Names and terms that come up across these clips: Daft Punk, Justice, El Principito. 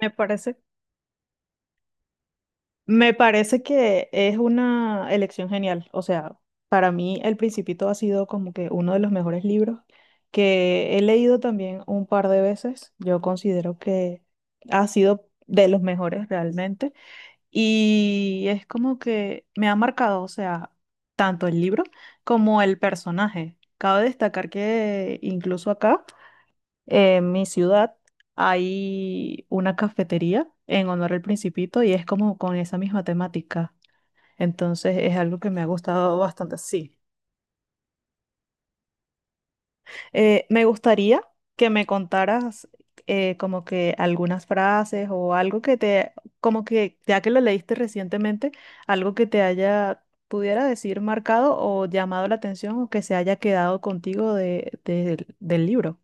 Me parece, me parece que es una elección genial. O sea, para mí El Principito ha sido como que uno de los mejores libros que he leído también un par de veces. Yo considero que ha sido de los mejores realmente. Y es como que me ha marcado, o sea, tanto el libro como el personaje. Cabe destacar que incluso acá en mi ciudad hay una cafetería en honor al Principito y es como con esa misma temática. Entonces es algo que me ha gustado bastante, sí. Me gustaría que me contaras como que algunas frases o algo que te, como que ya que lo leíste recientemente, algo que te haya, pudiera decir, marcado o llamado la atención o que se haya quedado contigo del libro.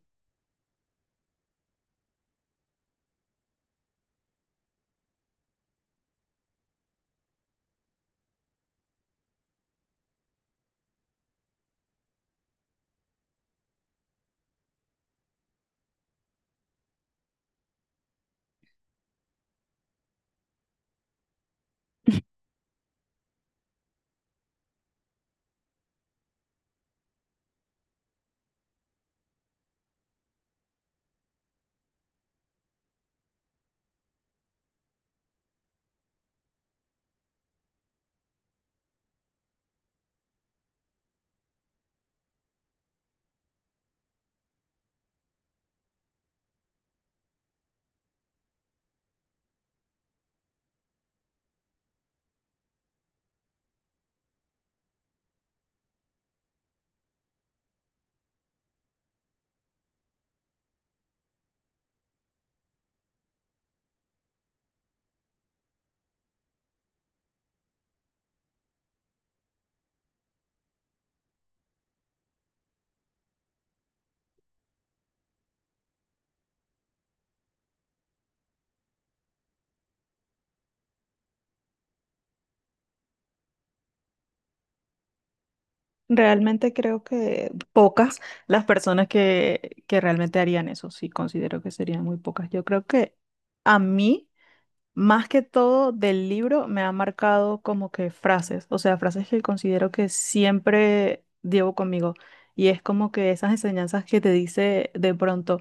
Realmente creo que pocas las personas que realmente harían eso, sí, considero que serían muy pocas. Yo creo que a mí... Más que todo del libro me ha marcado como que frases, o sea, frases que considero que siempre llevo conmigo. Y es como que esas enseñanzas que te dice de pronto,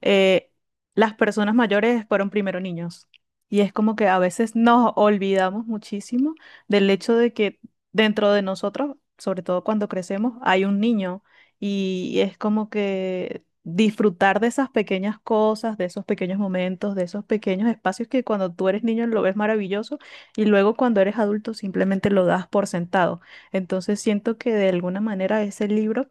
eh, las personas mayores fueron primero niños. Y es como que a veces nos olvidamos muchísimo del hecho de que dentro de nosotros, sobre todo cuando crecemos, hay un niño. Y es como que disfrutar de esas pequeñas cosas, de esos pequeños momentos, de esos pequeños espacios que cuando tú eres niño lo ves maravilloso y luego cuando eres adulto simplemente lo das por sentado. Entonces siento que de alguna manera ese libro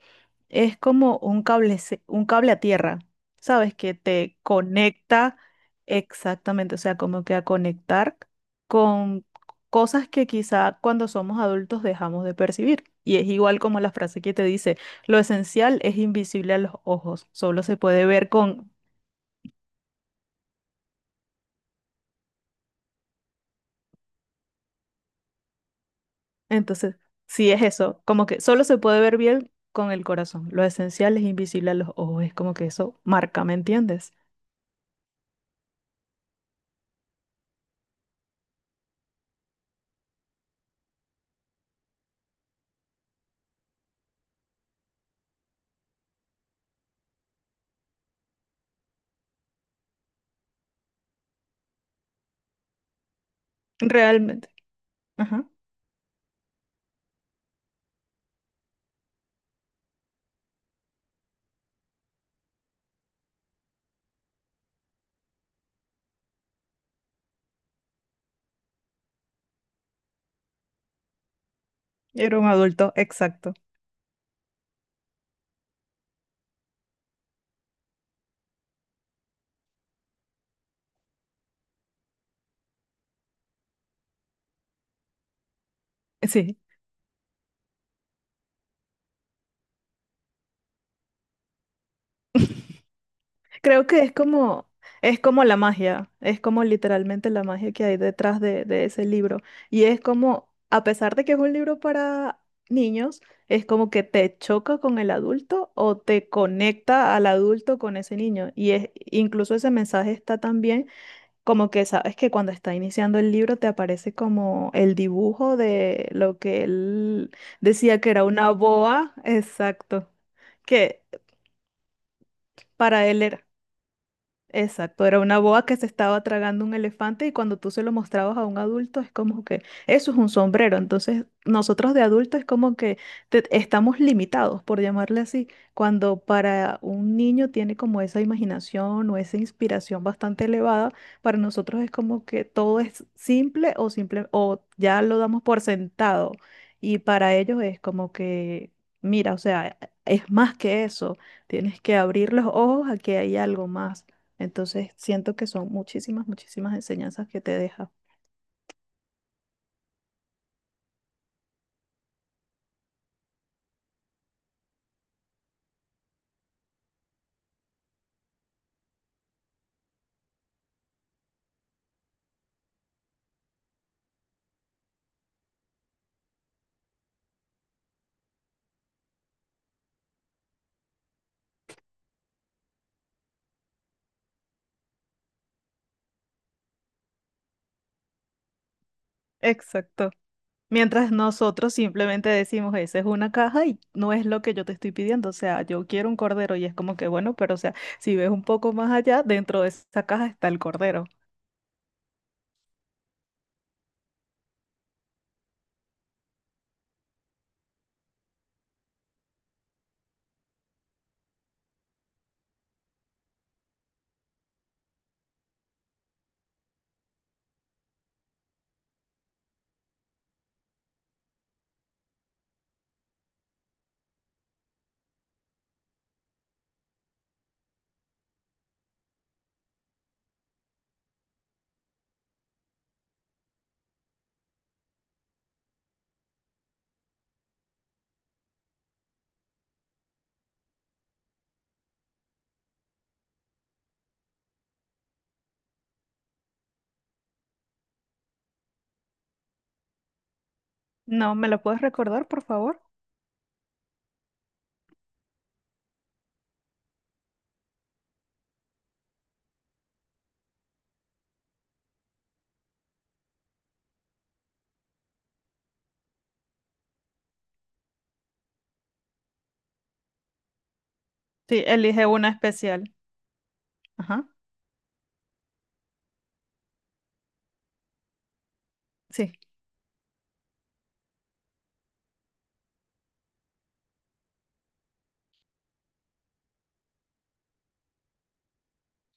es como un cable, un cable a tierra, ¿sabes? Que te conecta exactamente, o sea, como que a conectar con cosas que quizá cuando somos adultos dejamos de percibir. Y es igual como la frase que te dice, lo esencial es invisible a los ojos, solo se puede ver con... Entonces, sí es eso, como que solo se puede ver bien con el corazón, lo esencial es invisible a los ojos, es como que eso marca, ¿me entiendes? Realmente. Ajá. Era un adulto, exacto. Sí. Creo que es como la magia, es como literalmente la magia que hay detrás de ese libro. Y es como, a pesar de que es un libro para niños, es como que te choca con el adulto o te conecta al adulto con ese niño. Y es, incluso ese mensaje está también como que sabes que cuando está iniciando el libro te aparece como el dibujo de lo que él decía que era una boa, exacto, que para él era. Exacto, era una boa que se estaba tragando un elefante y cuando tú se lo mostrabas a un adulto es como que eso es un sombrero. Entonces nosotros de adultos es como que estamos limitados, por llamarle así, cuando para un niño tiene como esa imaginación o esa inspiración bastante elevada, para nosotros es como que todo es simple o simple o ya lo damos por sentado y para ellos es como que, mira, o sea, es más que eso, tienes que abrir los ojos a que hay algo más. Entonces siento que son muchísimas, muchísimas enseñanzas que te deja. Exacto. Mientras nosotros simplemente decimos, esa es una caja y no es lo que yo te estoy pidiendo. O sea, yo quiero un cordero y es como que, bueno, pero o sea, si ves un poco más allá, dentro de esa caja está el cordero. No, ¿me lo puedes recordar, por favor? Sí, elige una especial. Ajá. Sí.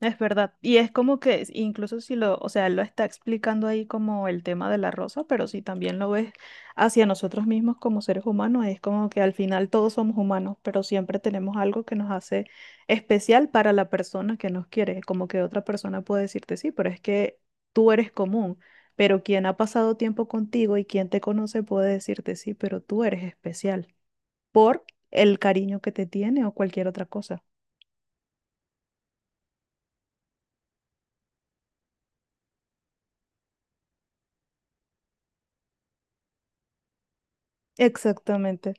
Es verdad. Y es como que incluso si lo, o sea, él lo está explicando ahí como el tema de la rosa, pero si también lo ves hacia nosotros mismos como seres humanos, es como que al final todos somos humanos, pero siempre tenemos algo que nos hace especial para la persona que nos quiere. Como que otra persona puede decirte, sí, pero es que tú eres común, pero quien ha pasado tiempo contigo y quien te conoce puede decirte, sí, pero tú eres especial por el cariño que te tiene o cualquier otra cosa. Exactamente.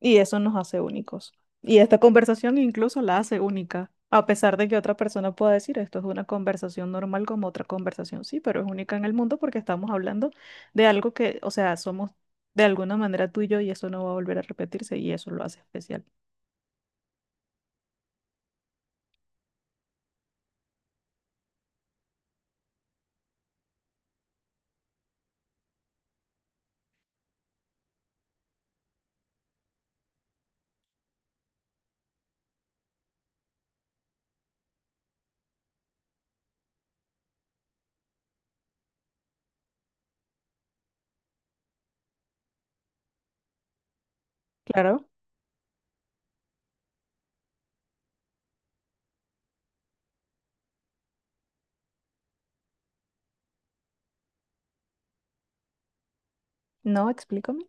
Y eso nos hace únicos. Y esta conversación incluso la hace única, a pesar de que otra persona pueda decir, esto es una conversación normal como otra conversación, sí, pero es única en el mundo porque estamos hablando de algo que, o sea, somos de alguna manera tú y yo y eso no va a volver a repetirse y eso lo hace especial. Claro, no, explícame.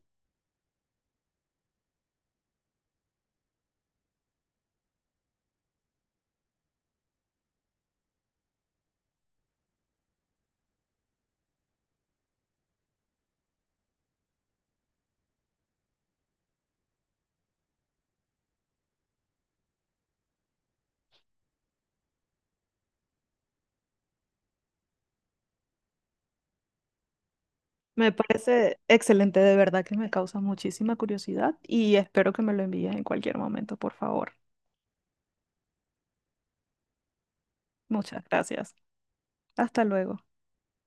Me parece excelente, de verdad que me causa muchísima curiosidad y espero que me lo envíes en cualquier momento, por favor. Muchas gracias. Hasta luego.